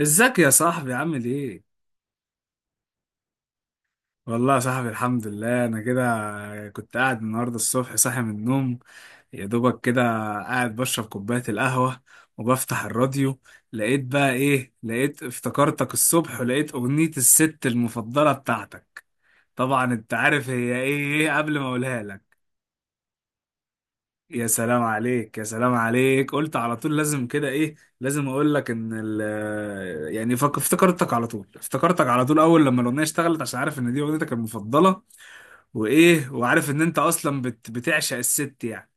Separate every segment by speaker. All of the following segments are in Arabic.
Speaker 1: ازيك يا صاحبي؟ عامل ايه؟ والله يا صاحبي الحمد لله انا كده كنت قاعد النهارده الصبح صاحي من النوم، يا دوبك كده قاعد بشرب كوباية القهوة وبفتح الراديو. لقيت بقى ايه؟ لقيت افتكرتك الصبح، ولقيت اغنية الست المفضلة بتاعتك. طبعا انت عارف هي إيه قبل ما اقولها لك. يا سلام عليك، يا سلام عليك. قلت على طول لازم كده، ايه لازم اقول لك ان ال آه، يعني فك- افتكرتك على طول، افتكرتك على طول، اول لما الاغنيه اشتغلت، عشان عارف ان دي اغنيتك المفضله. وايه، وعارف ان انت اصلا بتعشق الست يعني.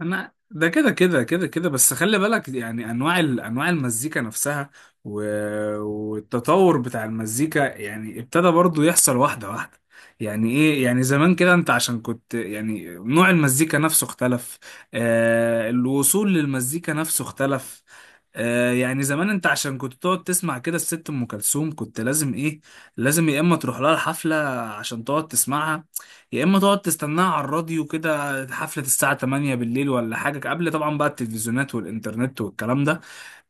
Speaker 1: انا ده كده بس خلي بالك يعني انواع انواع المزيكا نفسها. و... والتطور بتاع المزيكا يعني ابتدى برضو يحصل واحده واحده. يعني ايه، يعني زمان كده انت عشان كنت يعني نوع المزيكا نفسه اختلف، آه الوصول للمزيكا نفسه اختلف. آه يعني زمان انت عشان كنت تقعد تسمع كده الست ام كلثوم، كنت لازم ايه؟ لازم يا اما تروح لها الحفله عشان تقعد تسمعها، يا اما تقعد تستناها على الراديو كده، حفله الساعه 8 بالليل ولا حاجه. قبل طبعا بقى التلفزيونات والانترنت والكلام ده،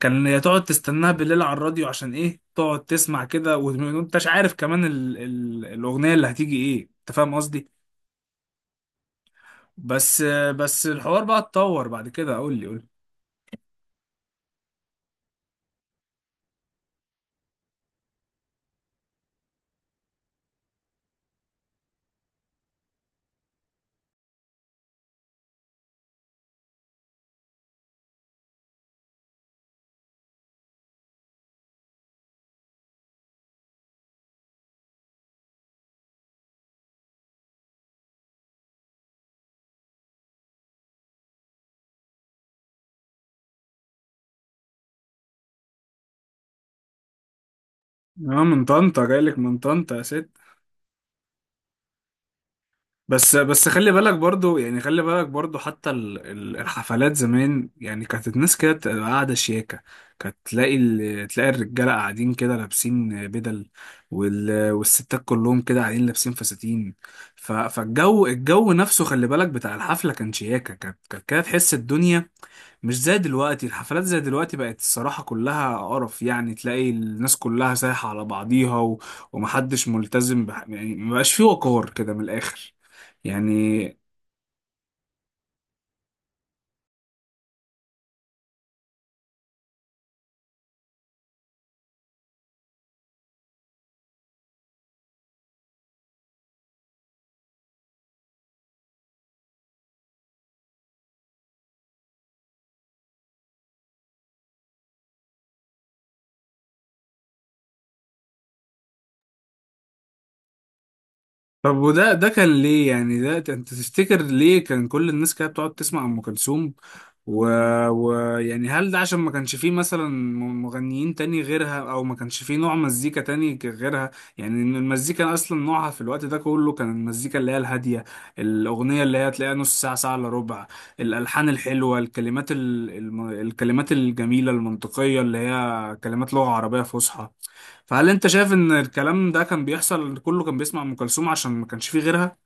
Speaker 1: كان يا تقعد تستناها بالليل على الراديو عشان ايه، تقعد تسمع كده وانتش عارف كمان ال الاغنيه اللي هتيجي ايه. انت فاهم قصدي. بس بس الحوار بقى اتطور بعد كده. قول لي، قول لي. اه من طنطا، جايلك من طنطا يا ست. بس خلي بالك برضو، يعني خلي بالك برضو حتى الحفلات زمان يعني كانت الناس كده بتبقى قاعدة شياكة. كانت تلاقي تلاقي الرجالة قاعدين كده لابسين بدل، والستات كلهم كده قاعدين لابسين فساتين. ف- فالجو، الجو نفسه خلي بالك بتاع الحفلة كان شياكة. كانت كده تحس الدنيا مش زي دلوقتي. الحفلات زي دلوقتي بقت الصراحة كلها قرف، يعني تلاقي الناس كلها سايحة على بعضيها، ومحدش ملتزم يعني مبقاش فيه وقار كده، من الآخر يعني. طب وده كان ليه يعني، انت تفتكر ليه كان كل الناس كده بتقعد تسمع ام كلثوم؟ و... و يعني هل ده عشان ما كانش فيه مثلا مغنيين تاني غيرها، او ما كانش فيه نوع مزيكا تاني غيرها؟ يعني إن المزيكا اصلا نوعها في الوقت ده كله كان المزيكا اللي هي الهادية. الاغنية اللي هي تلاقيها نص ساعة، ساعة الا ربع، الالحان الحلوة، الكلمات الكلمات الجميلة المنطقية اللي هي كلمات لغة عربية فصحى. فهل انت شايف ان الكلام ده كان بيحصل، كله كان بيسمع ام كلثوم عشان ما كانش فيه غيرها؟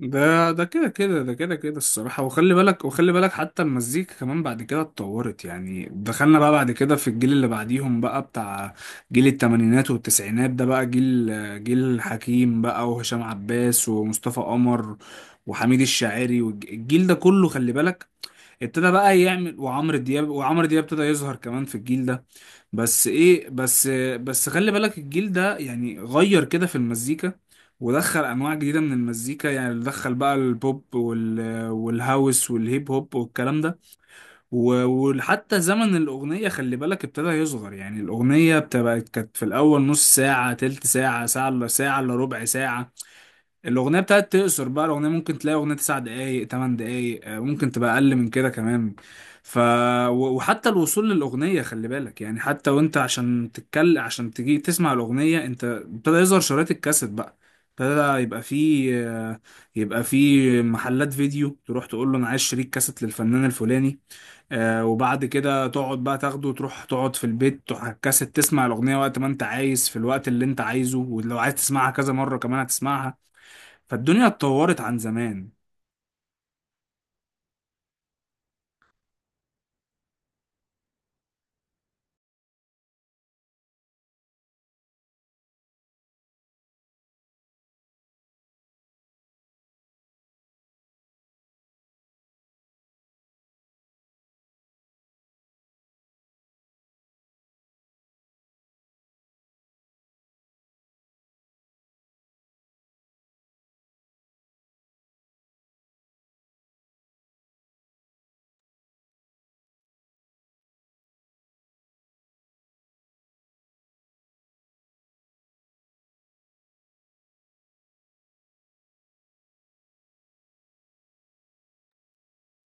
Speaker 1: ده كده الصراحة. وخلي بالك حتى المزيكا كمان بعد كده اتطورت، يعني دخلنا بقى بعد كده في الجيل اللي بعديهم بقى بتاع جيل التمانينات والتسعينات. ده بقى جيل حكيم بقى، وهشام عباس، ومصطفى قمر، وحميد الشاعري، والجيل ده كله خلي بالك ابتدى بقى يعمل. وعمرو دياب ابتدى يظهر كمان في الجيل ده. بس ايه، بس خلي بالك الجيل ده يعني غير كده في المزيكا، ودخل انواع جديده من المزيكا. يعني دخل بقى البوب، والهاوس، والهيب هوب، والكلام ده. وحتى زمن الاغنيه خلي بالك ابتدى يصغر. يعني الاغنيه بتبقى كانت في الاول نص ساعه، تلت ساعه، ساعه الا ربع ساعه. الاغنيه بتاعت تقصر بقى. الاغنيه ممكن تلاقي اغنيه تسع دقايق، تمن دقايق، ممكن تبقى اقل من كده كمان. ف وحتى الوصول للاغنيه خلي بالك يعني، حتى وانت عشان تتكل عشان تجي تسمع الاغنيه، انت ابتدى يظهر شرايط الكاسيت بقى. ابتدى يبقى فيه يبقى فيه محلات فيديو تروح تقول له انا عايز شريط كاسيت للفنان الفلاني. آه وبعد كده تقعد بقى تاخده وتروح تقعد في البيت، تروح على الكاسيت تسمع الاغنيه وقت ما انت عايز، في الوقت اللي انت عايزه، ولو عايز تسمعها كذا مره كمان هتسمعها. فالدنيا اتطورت عن زمان.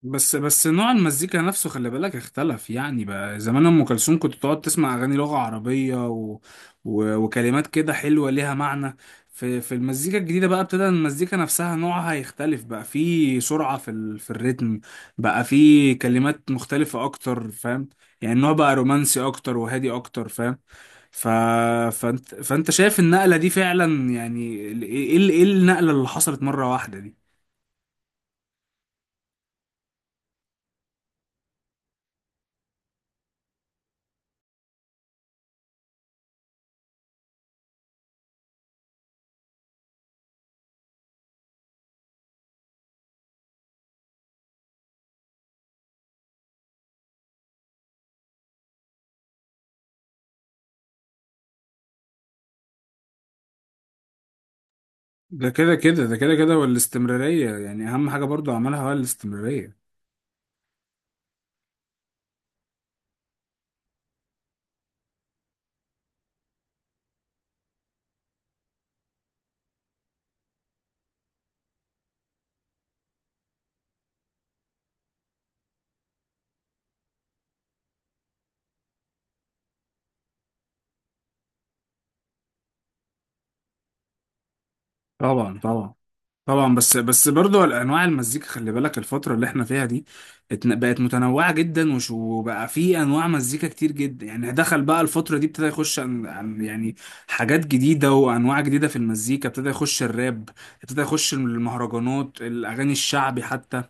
Speaker 1: بس نوع المزيكا نفسه خلي بالك اختلف. يعني بقى زمان ام كلثوم كنت تقعد تسمع اغاني لغة عربية وكلمات كده حلوة ليها معنى. في المزيكا الجديدة بقى ابتدى المزيكا نفسها نوعها يختلف، بقى في سرعة في في الريتم، بقى في كلمات مختلفة اكتر، فاهم؟ يعني النوع بقى رومانسي اكتر وهادي اكتر، فاهم؟ ف... فانت شايف النقلة دي فعلا يعني ايه؟ إيه النقلة اللي حصلت مرة واحدة دي؟ ده كده والاستمرارية يعني أهم حاجة برضو عملها هو الاستمرارية. طبعا طبعا، طبعا. بس برضو أنواع المزيكا خلي بالك الفترة اللي احنا فيها دي بقت متنوعة جدا، وبقى في أنواع مزيكا كتير جدا. يعني دخل بقى الفترة دي ابتدى يخش يعني حاجات جديدة وأنواع جديدة في المزيكا. ابتدى يخش الراب، ابتدى يخش المهرجانات، الأغاني الشعبي حتى.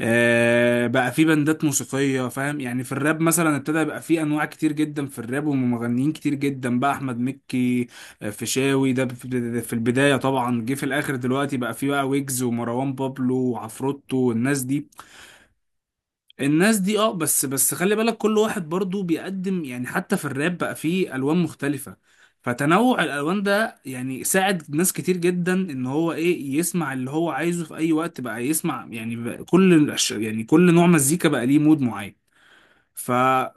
Speaker 1: بقى في بندات موسيقية، فاهم؟ يعني في الراب مثلا ابتدى يبقى في انواع كتير جدا. في الراب ومغنيين كتير جدا بقى، احمد مكي، فيشاوي ده في البداية طبعا، جه في الاخر دلوقتي بقى في، بقى ويجز، ومروان بابلو، وعفروتو، والناس دي. الناس دي اه. بس خلي بالك كل واحد برضو بيقدم، يعني حتى في الراب بقى فيه الوان مختلفة. فتنوع الالوان ده يعني ساعد ناس كتير جدا ان هو ايه، يسمع اللي هو عايزه في اي وقت بقى يسمع. يعني بقى كل يعني كل نوع مزيكا بقى ليه مود معين. ف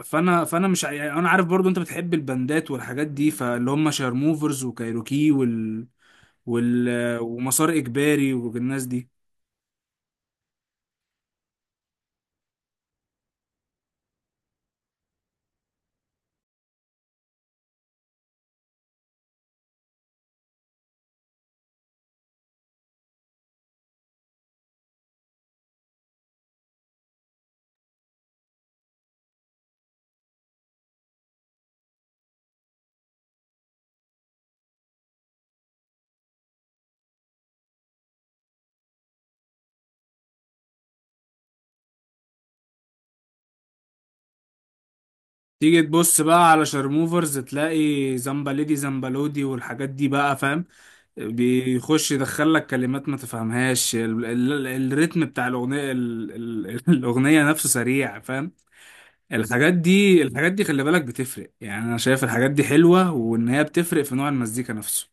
Speaker 1: فانا فانا مش ع- يعني انا عارف برضو انت بتحب البندات والحاجات دي، فاللي هم شارموفرز، وكايروكي، وال وال ومسار اجباري والناس دي. تيجي تبص بقى على شارموفرز تلاقي زمبلدي زمبلودي والحاجات دي بقى، فاهم؟ بيخش يدخل لك كلمات ما تفهمهاش، ال الريتم بتاع الأغنية ال الأغنية نفسه سريع، فاهم؟ الحاجات دي خلي بالك بتفرق. يعني أنا شايف الحاجات دي حلوة وإن هي بتفرق في نوع المزيكا نفسه.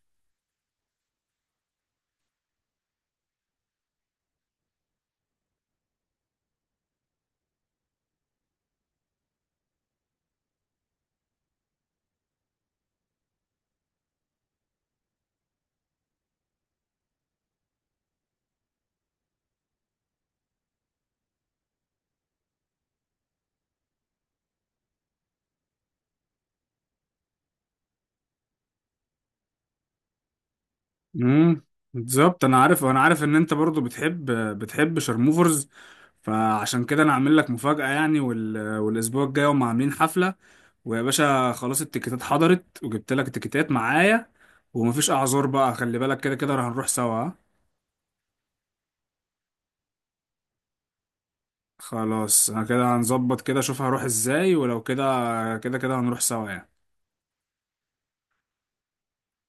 Speaker 1: امم بالظبط. انا عارف ان انت برضو بتحب شارموفرز. فعشان كده انا عامل لك مفاجأة يعني، والاسبوع الجاي هم عاملين حفلة، ويا باشا خلاص التيكيتات حضرت، وجبت لك التيكيتات معايا، ومفيش اعذار بقى خلي بالك، كده كده هنروح سوا. ها؟ خلاص انا كده هنظبط كده اشوف هروح ازاي، ولو كده كده كده هنروح سوا يعني.